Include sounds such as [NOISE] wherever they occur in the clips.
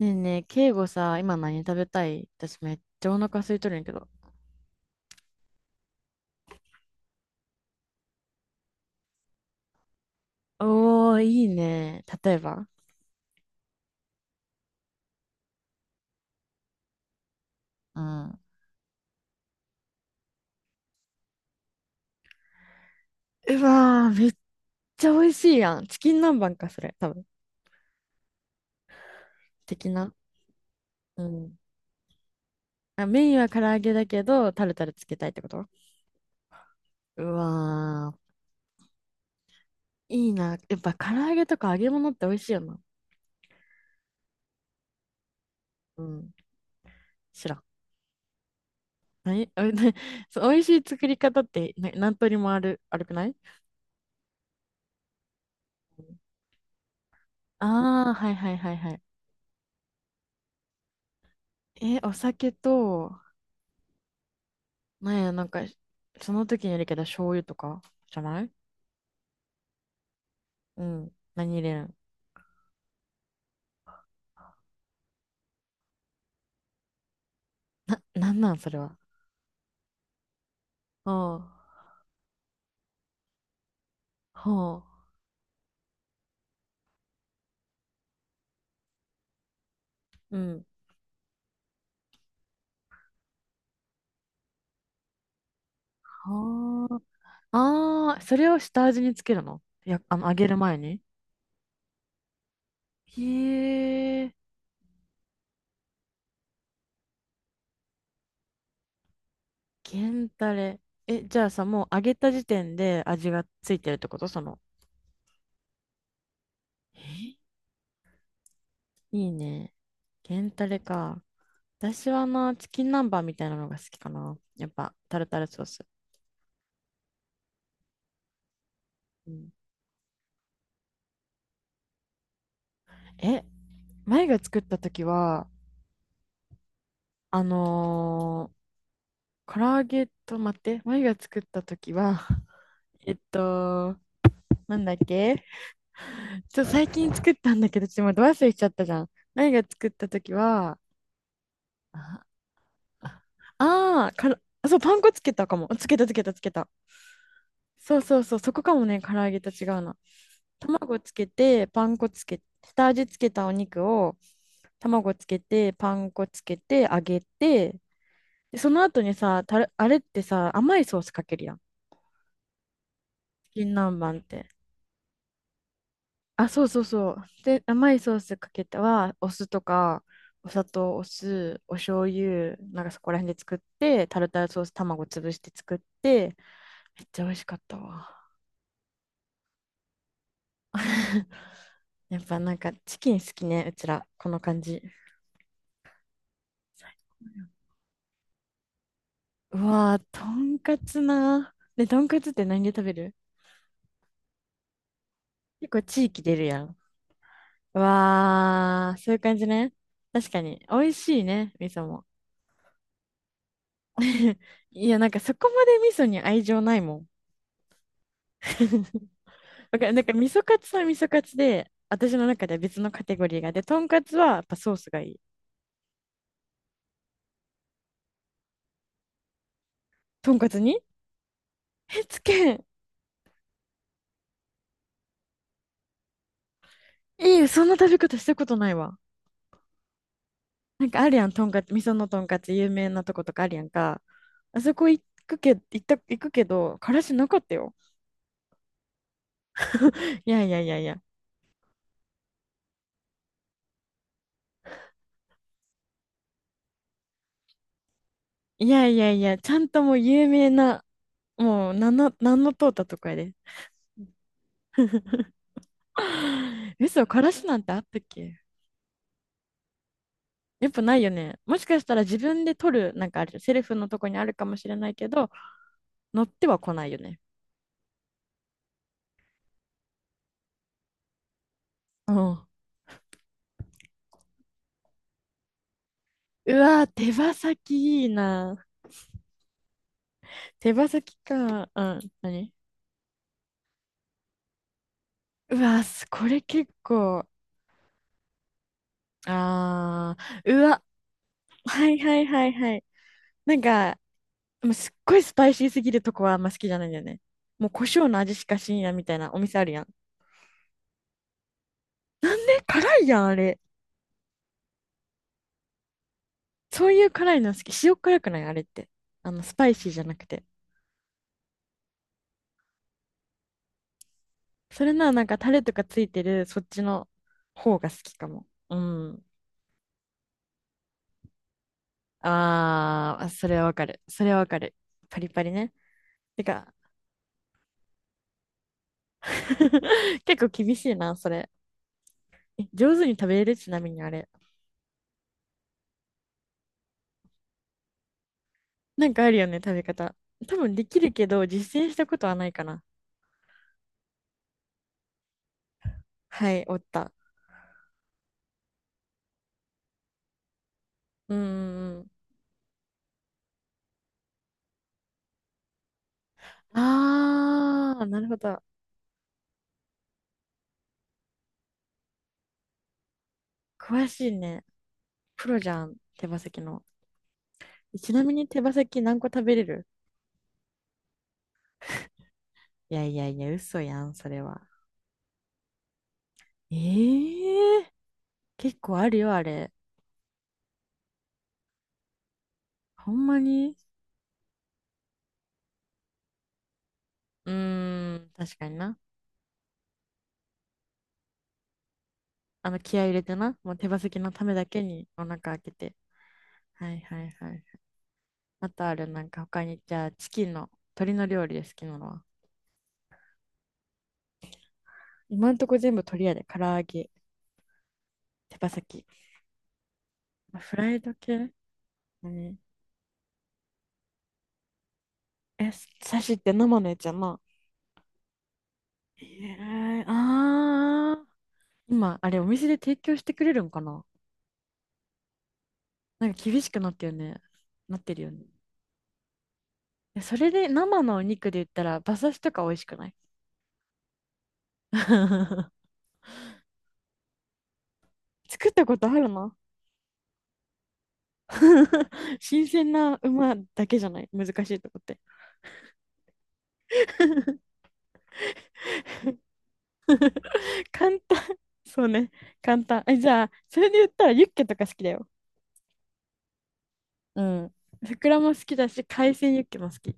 ねえねえ、敬語さ、今何食べたい？私めっちゃお腹空いとるんやけど。おー、いいね。例えば？うん。うわー、めっちゃ美味しいやん。チキン南蛮か、それ。多分。的な。うん。あ、メインは唐揚げだけど、タルタルつけたいってこと？うわー、いいな。やっぱ唐揚げとか揚げ物って美味しいよな。うん。知らん。何おいな？ [LAUGHS] そう美味しい作り方ってな何通りもある、あるくない？ああー、はいはいはいはい。え、お酒と、なんや、なんか、その時によるけど、醤油とかじゃない？うん。何入れるん？な、なんなん、それは。ほう。ほう。うん。はあ。ああ、それを下味につけるの？いや、あの、揚げる前に？へえ、源たれ。え、じゃあさ、もう揚げた時点で味がついてるってこと？その。え、いいね。源たれか。私はな、チキン南蛮みたいなのが好きかな。やっぱ、タルタルソース。うん、え、前が作った時は、あのー、唐揚げと待って、前が作った時は、[LAUGHS] えっと、なんだっけ？ちょ、最近作ったんだけど、ちょっと待って、忘れちゃったじゃん。前が作った時は、ああー、からあそう、パン粉つけたかも。つけたつけたつけた。そうそうそう、そこかもね、唐揚げと違うな。卵つけて、パン粉つけ、下味つけたお肉を、卵つけて、パン粉つけて、揚げて、で、その後にさ、たれ、あれってさ、甘いソースかけるやん。チキン南蛮って。あ、そうそうそう。で、甘いソースかけては、お酢とか、お砂糖、お酢、お醤油、なんかそこら辺で作って、タルタルソース卵潰して作って、めっちゃ美味しかったわ。[LAUGHS] やっぱなんかチキン好きね、うちら。この感じ。うわー、とんかつな。ね、とんかつって何で食べる？結構地域出るやん。わー、そういう感じね。確かに。美味しいね、味噌も。[LAUGHS] いや、なんかそこまで味噌に愛情ないもん。[LAUGHS] わかる。なんか味噌カツは味噌カツで、私の中では別のカテゴリーが。で、とんかつはやっぱソースがいい。とんかつに？ [LAUGHS] え、つけ、いい、そんな食べ方したことないわ。なんかあるやん、とんかつ、味噌のとんかつ有名なとことかあるやんか。あそこ行くけ、行った、行くけど、からしなかったよ。いやいやいやいや。いやいやいや、ちゃんともう有名な、もう、なんの、なんの通ったとこやで。[LAUGHS] 嘘、からしなんてあったっけ？やっぱないよね。もしかしたら自分で取る、なんかある、セルフのとこにあるかもしれないけど、乗っては来ないよね。うん。うわー、手羽先いいな。手羽先か。うん。何？うわー、すこれ結構。あー。うわ、はいはいはいはい。なんか、もうすっごいスパイシーすぎるとこはあんま好きじゃないんだよね。もう胡椒の味しかしんやみたいなお店あるやん。なんで辛いやん、あれ。そういう辛いの好き？塩辛くないあれって。あの、スパイシーじゃなくて。それならなんかタレとかついてる、そっちの方が好きかも。うん。あー、あそれはわかる。それはわかる。パリパリね。てか、[LAUGHS] 結構厳しいな、それ。え、上手に食べれる？ちなみにあれ。なんかあるよね、食べ方。多分できるけど、実践したことはないかな。はい、おった。うんうんうん。あー、なるほど。詳しいね。プロじゃん、手羽先の。ちなみに手羽先何個食べれる？いやいやいや、嘘やん、それは。ええ、結構あるよ、あれ。ほんまに？うーん、確かにな。あの、気合い入れてな。もう手羽先のためだけにお腹開けて。はいはいはい。あとある、なんか他に、じゃあ、チキンの、鶏の料理で好きなのは。今んとこ全部鶏やで。唐揚げ、手羽先。フライド系？何？え、刺しって生のやつやな。ええあー。今、あれ、お店で提供してくれるんかな？なんか厳しくなってるよね。なってるよね。え、それで生のお肉で言ったら馬刺しとか美味しくない？ [LAUGHS] 作ったことあるな。 [LAUGHS] 新鮮な馬だけじゃない？難しいとこって。 [LAUGHS] 簡単。そうね。簡単え、じゃあそれで言ったらユッケとか好きだよ。うん、ふくらも好きだし海鮮ユッケも好き。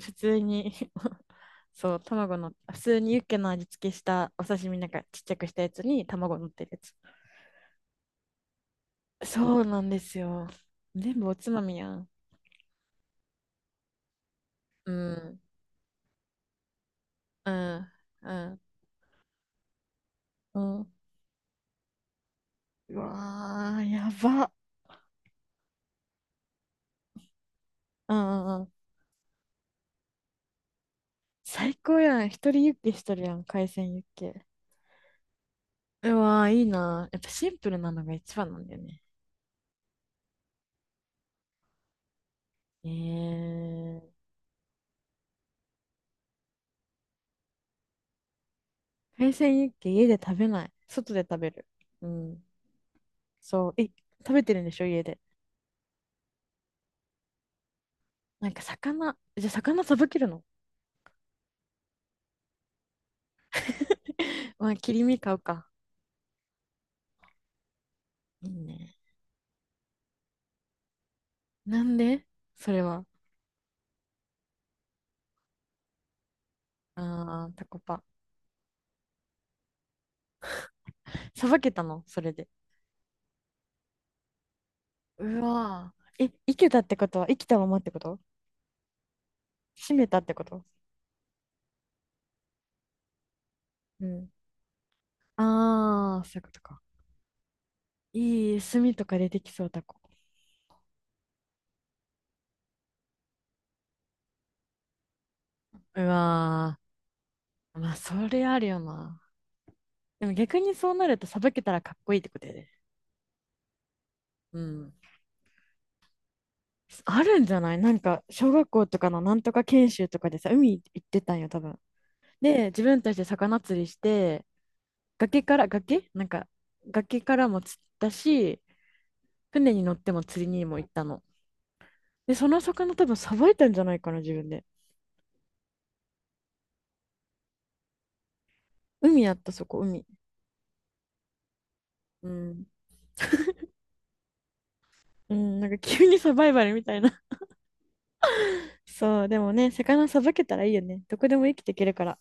普通に、 [LAUGHS] そう、卵の、普通にユッケの味付けしたお刺身なんかちっちゃくしたやつに卵乗ってるやつ。そうなんですよ。全部おつまみやん。うん、うん、うん、うん。うわー、やば。うんうんうん。最高やん。一人ユッケしてるやん。海鮮ユッケ。うわー、いいな。やっぱシンプルなのが一番なんだよね。えー、海鮮ユッケ家で食べない。外で食べる。うん。そう。え、食べてるんでしょ家で。なんか魚、じゃあ魚さばけるの？ [LAUGHS] まあ、切り身買うか。いいね。なんで？それは。ああ、タコパ。さばけたのそれで？うわーえ、生けたってことは生きたままってこと？閉めたってこと？うん。ああ、そういうことか。いい炭とか出てきそうタコ。うわー。まあ、それあるよな。でも逆にそうなるとさばけたらかっこいいってことやで。うん。あるんじゃない？なんか小学校とかのなんとか研修とかでさ海行ってたんよ多分。で自分たちで魚釣りして、崖から、崖なんか、崖からも釣ったし、船に乗っても釣りにも行ったの。で、その魚多分さばいたんじゃないかな、自分で。海やった、そこ、海。うん。うん、なんか急にサバイバルみたいな。[LAUGHS] そう、でもね、魚さばけたらいいよね。どこでも生きていけるから。